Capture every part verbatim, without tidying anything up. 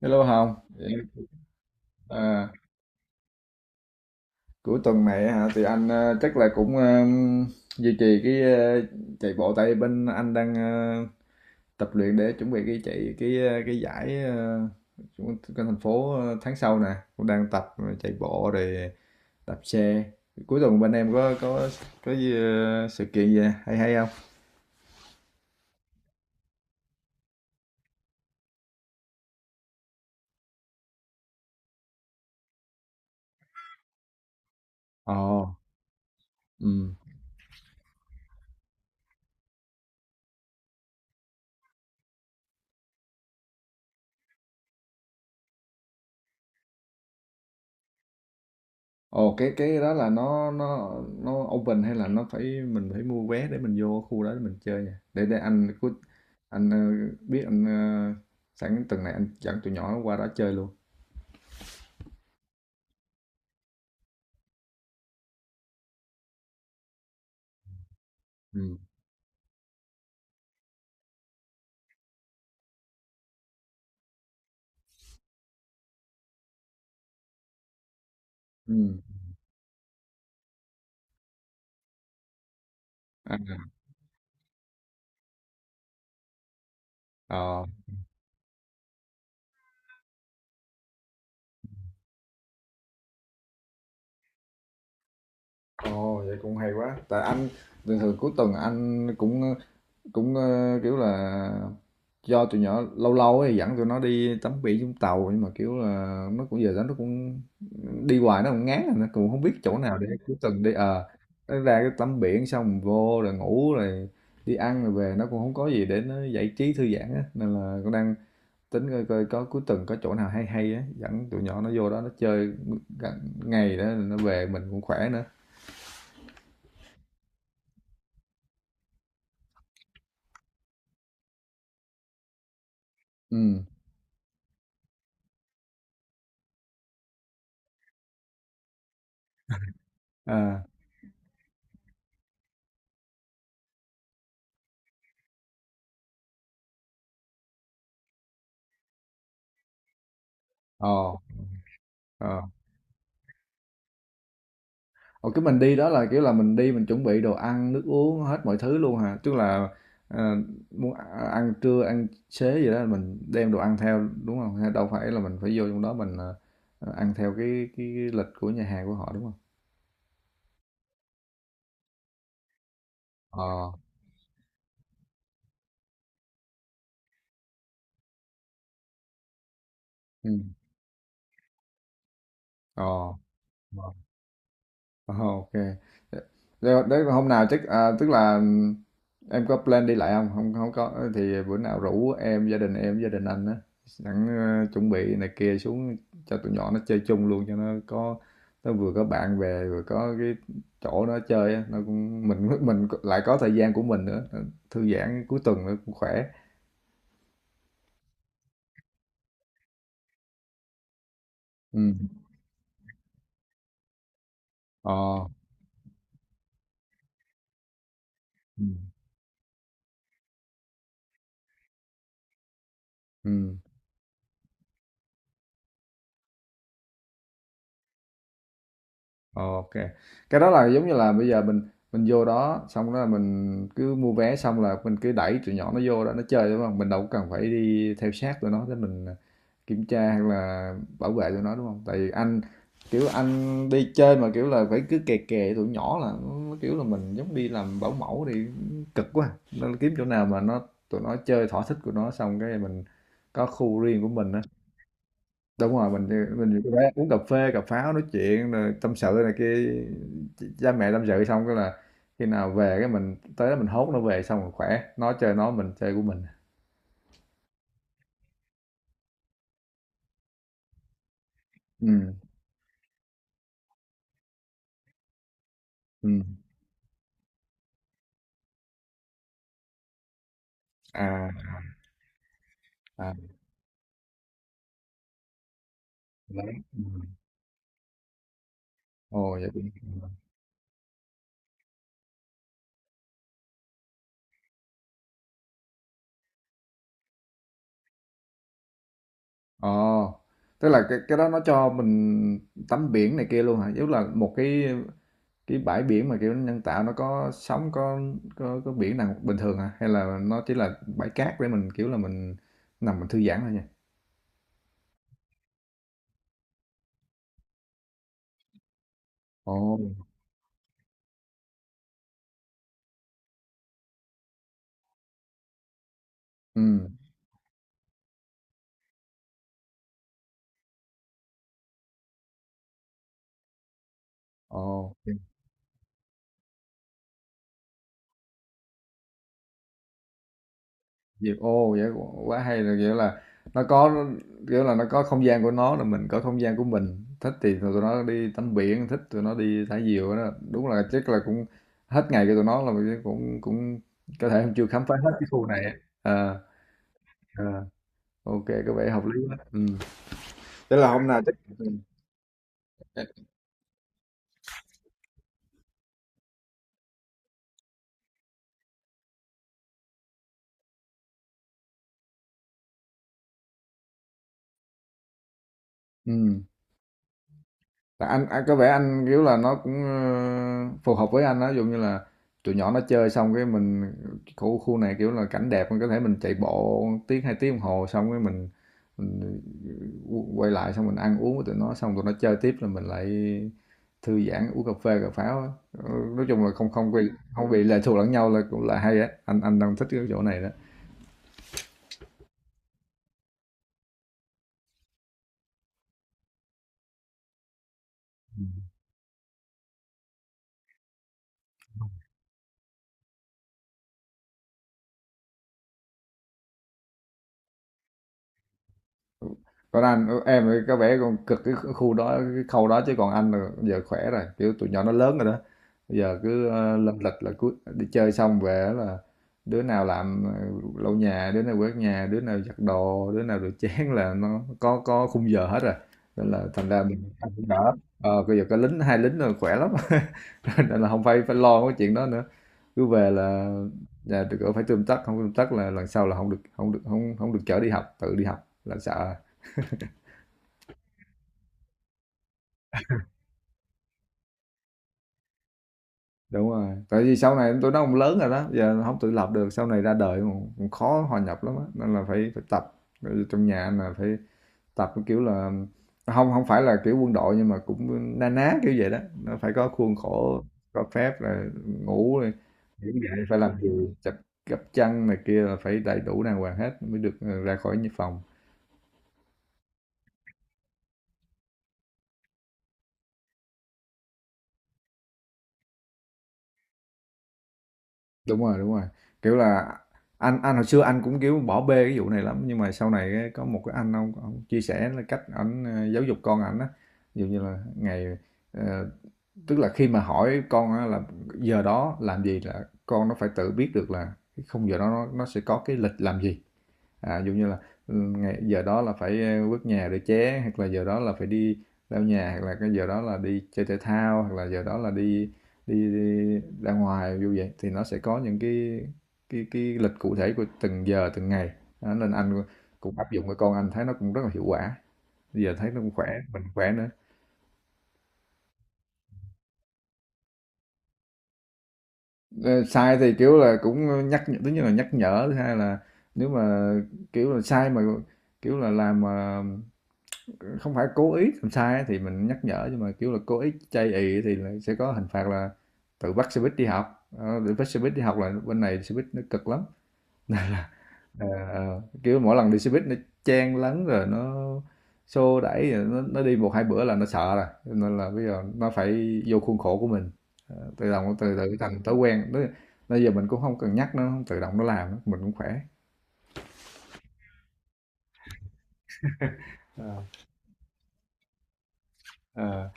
Hello Hồng, Em- à, cuối tuần này hả? Thì anh ờ, chắc là cũng ờ, duy trì cái ờ, chạy bộ. Tại bên anh đang ờ, tập luyện để chuẩn bị cái chạy cái ờ, cái giải ờ, của của thành phố ờ, tháng sau nè, cũng đang tập ờ, chạy bộ rồi đạp xe. Cuối tuần bên em có có có gì, ờ, sự kiện gì hay hay không? Ồ, ừ. Ồ, cái cái đó là nó nó nó open hay là nó phải mình phải mua vé để mình vô khu đó để mình chơi nha? Để để anh cứ anh ờ, biết anh ờ, sẵn tuần này anh dẫn tụi nhỏ qua đó chơi luôn. Ừ. Ừ. À. Ờ. Ồ, vậy cũng hay quá. Tại anh thường thường cuối tuần anh cũng cũng ờ, kiểu là do tụi nhỏ, lâu lâu thì dẫn tụi nó đi tắm biển Vũng Tàu, nhưng mà kiểu là nó cũng, giờ đó nó cũng đi hoài, nó cũng ngán rồi, nó cũng không biết chỗ nào để cuối tuần đi. ờ nó ra cái tắm biển xong vô rồi ngủ rồi đi ăn rồi về, nó cũng không có gì để nó giải trí thư giãn á, nên là cũng đang tính coi coi có cuối tuần có chỗ nào hay hay á dẫn tụi nhỏ nó vô đó nó chơi gần ngày đó rồi nó về mình cũng khỏe nữa. Ừ. À. Ồ. Ờ. Ồ, cái mình đi đó là, kiểu là, mình đi mình chuẩn bị đồ ăn, nước uống hết mọi thứ luôn hả? Tức là, ờ, muốn ăn trưa, ăn xế gì đó mình đem đồ ăn theo, đúng không? Hay đâu phải là mình phải vô trong đó mình, ờ, ờ, ăn theo cái cái lịch của nhà hàng của họ, đúng không? Ờ, ừm, ờ. Ồ, OK. Đ đấy hôm nào chắc à, tức là, ừm, em có plan đi lại không? Không hông có thì bữa nào rủ em, gia đình em, gia đình anh á, sẵn, ơ, chuẩn bị này kia xuống cho tụi nhỏ nó chơi chung luôn cho nó có, nó vừa có bạn bè, vừa có cái chỗ nó chơi á, nó cũng mình mình lại có thời gian của mình nữa, ờ, thư giãn cuối tuần nữa cũng khỏe. Ừm, ờ, ừ, ừm. OK. Cái đó là giống như là bây giờ mình mình vô đó xong đó là mình cứ mua vé xong là mình cứ đẩy tụi nhỏ nó vô đó nó chơi đúng không? Mình đâu cần phải đi theo sát tụi nó để mình, à, kiểm tra hay là bảo vệ tụi nó, đúng không? Tại vì anh, kiểu, anh đi chơi mà, kiểu là, phải cứ kè kè tụi nhỏ là nó nó, kiểu là, mình giống đi làm bảo mẫu thì cực quá, nên kiếm chỗ nào mà nó tụi nó chơi thỏa thích của nó xong cái mình có khu riêng của mình á. Đúng rồi, mình mình nhiều khi uống cà phê, cà pháo nói chuyện rồi tâm sự này kia, ch- cha mẹ tâm sự xong cái là khi nào về cái mình tới đó mình hốt nó về xong rồi khỏe, nó chơi nó, mình chơi của mình. Ừ. Ừ. À. À. Đấy. Ừm. Ồ, vậy cũng. Ồ, tức là cái cái đó nó cho mình tắm biển này kia luôn hả? Giống là một cái cái bãi biển mà kiểu nhân tạo, nó có sóng có, có, có biển nào bình thường hả? Hay là nó chỉ là bãi cát để mình kiểu là mình nằm mình thư giãn thôi nha? Ồ. Ừm, ồ, dịp dịp ô, vậy quá quá hay, là, kiểu là, nó có, kiểu là, nó có không gian của nó rồi mình có không gian của mình, thích thì tụi nó đi tắm biển, thích tụi nó đi thả diều đó. Đúng là chắc là cũng hết ngày của tụi nó là mình cũng cũng có thể chưa khám phá hết cái khu này à. Ờ, ờ, ô kê, có vẻ hợp lý quá. Ừm. Thế là hôm nào chắc ừm. Ừm. Là anh, anh có vẻ anh kiểu là nó cũng ờ, phù hợp với anh đó, ví dụ như là tụi nhỏ nó chơi xong cái mình khu khu này kiểu là cảnh đẹp mình có thể mình chạy bộ tiếng hai tiếng đồng hồ xong cái mình, mình quay lại xong mình ăn uống với tụi nó xong tụi nó chơi tiếp là mình lại thư giãn uống cà phê cà pháo á. Ờ, nói chung là không không bị, không bị lệ thuộc lẫn nhau là cũng là hay á, anh anh đang thích cái chỗ này đó. Còn anh em thì có vẻ còn cực cái khu đó cái khâu đó, chứ còn anh là giờ khỏe rồi, kiểu tụi nhỏ nó lớn rồi đó, bây giờ cứ ờ, lâm lịch là cứ đi chơi xong về là đứa nào làm ờ, lau nhà, đứa nào quét nhà, đứa nào giặt đồ, đứa nào rửa chén, là nó có có khung giờ hết rồi, nên là thành ra mình anh cũng đỡ. Ờ bây giờ có lính, hai lính rồi khỏe lắm. Nên là không phải phải lo cái chuyện đó nữa, cứ về là nhà được ở phải tươm tất, không tươm tất là lần sau là không được, không được không không, được chở đi học, tự đi học là sợ. Đúng rồi, tại vì sau này tụi nó cũng lớn rồi đó, giờ không tự lập được, sau này ra đời cũng cũng khó hòa nhập lắm á, nên là phải phải tập, trong nhà là phải tập, cái kiểu là, không không phải là kiểu quân đội nhưng mà cũng na ná, kiểu vậy đó. Nó phải có khuôn khổ, có phép, là ngủ này, phải làm gì, chập gấp chăn này kia là phải đầy đủ đàng hoàng hết mới được, ờ, ra khỏi nh phòng. Đúng rồi, đúng rồi. Kiểu là anh anh hồi xưa anh cũng, kiểu, bỏ bê cái vụ này lắm, nhưng mà sau này á có một cái anh ông ổng chia sẻ là cách ảnh, ờ, giáo dục con ảnh á. Ví dụ như là ngày ờ, tức là khi mà hỏi con á là giờ đó làm gì là con nó phải tự biết được là cái khung giờ đó nó nó sẽ có cái lịch làm gì. À dụ như là ừ, giờ đó là phải ờ, quét nhà để ché, hoặc là giờ đó là phải đi lau nhà, hoặc là cái giờ đó là đi chơi thể thao, hoặc là giờ đó là đi đi, đi ra ngoài. Như vậy thì nó sẽ có những cái cái cái lịch cụ thể của từng giờ từng ngày. Đó, nên anh cũng áp dụng cho con, anh thấy nó cũng rất là hiệu quả, bây giờ thấy nó cũng khỏe, mình khỏe nữa. Ờ, sai thì kiểu là cũng nhắc nhở, thứ nhất là nhắc nhở, thứ hai là nếu mà kiểu là sai mà kiểu là làm mà không phải cố ý làm sai á thì mình nhắc nhở, nhưng mà kiểu là cố ý chây ì thì là sẽ có hình phạt là tự bắt xe buýt đi học. Ờ, tự bắt xe buýt đi học là bên này xe buýt nó cực lắm. Ờ, ờ. Kiểu mỗi lần đi xe buýt nó chen lấn rồi nó xô đẩy rồi nó, nó đi một hai bữa là nó sợ rồi. Cho nên là bây giờ nó phải vô khuôn khổ của mình. Ờ, tự động từ từ thành thói quen, nó bây giờ mình cũng không cần nhắc, nó tự động nó làm á, mình cũng khỏe. Ờ, ờ.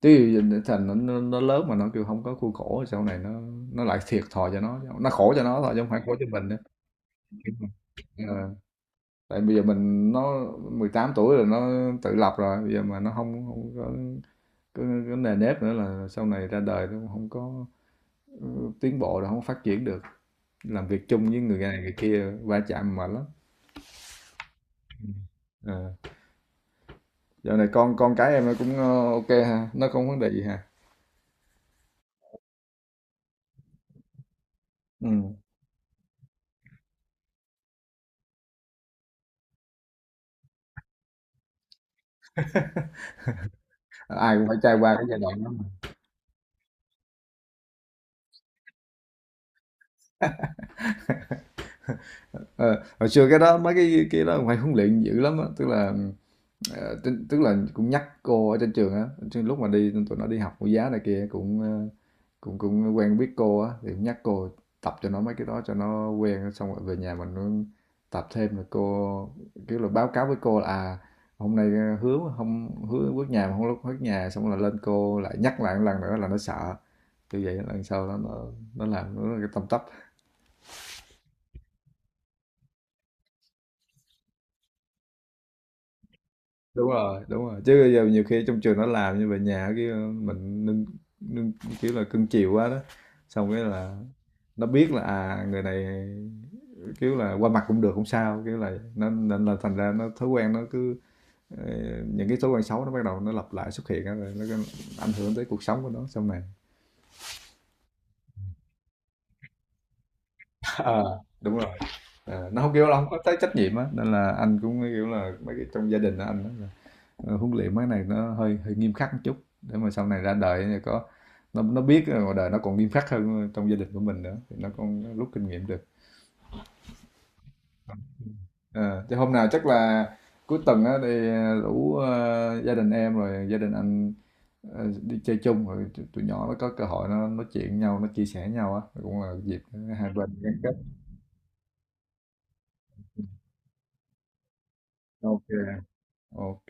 chứ gì- Thành nó, nó, nó lớn mà nó kêu không có khuôn khổ, sau này nó nó lại thiệt thòi cho nó nó khổ cho nó thôi chứ không phải khổ cho mình nữa. Ờ, tại bây giờ mình nó mười tám tuổi rồi, nó tự lập rồi, bây giờ mà nó không không có cái, cái nề nếp nữa là sau này ra đời nó không có tiến bộ đâu, không phát triển được, làm việc chung với người này người kia va chạm mệt lắm. À. Dạo này con con cái em nó cũng ờ, ok ha, nó không vấn đề gì ha? Ừ. Ai cũng phải trải qua cái giai đoạn đó mà. Ờ, hồi xưa cái đó mấy cái cái đó cũng phải huấn luyện dữ lắm á, tức là, ờ, tức là cũng nhắc cô ở trên trường á, lúc mà đi tụi nó đi học mẫu giáo này kia cũng ờ, cũng cũng quen biết cô á thì cũng nhắc cô tập cho nó mấy cái đó cho nó quen, xong rồi về nhà mình cũng tập thêm, rồi cô kiểu là báo cáo với cô là à hôm nay ờ, hứa không hứa bước nhà mà không, lúc bước nhà xong là lên cô lại nhắc lại một lần nữa là nó sợ. Như vậy lần sau nó nó, nó làm nó tâm tấp. Đúng rồi, đúng rồi. Chứ bây giờ nhiều khi trong trường nó làm, như về nhà cái ờ, mình nên, nên kiểu là cưng chiều quá đó, xong cái là nó biết là à người này kiểu là qua mặt cũng được không sao, kiểu là nó, nên là thành ra nó thói quen nó cứ ờ, những cái thói quen xấu nó bắt đầu nó lặp lại xuất hiện á, rồi nó cứ ảnh hưởng tới cuộc sống của nó sau này. Ờ, đúng rồi. Ờ, nó không kiểu là không có tới trách nhiệm á, nên là anh cũng kiểu là mấy cái trong gia đình á, anh đó, Ờ, huấn luyện mấy này nó hơi hơi nghiêm khắc một chút để mà sau này ra đời thì có, nó nó biết là ngoài đời nó còn nghiêm khắc hơn trong gia đình của mình nữa thì nó còn rút kinh nghiệm được. Ờ, chứ hôm nào chắc là cuối tuần á thì ờ, rủ ờ, gia đình em rồi gia đình anh ờ, đi chơi chung, rồi tụi nhỏ nó có cơ hội nó nói chuyện nhau, nó chia sẻ nhau á, cũng là dịp hai bên gắn kết. OK. OK.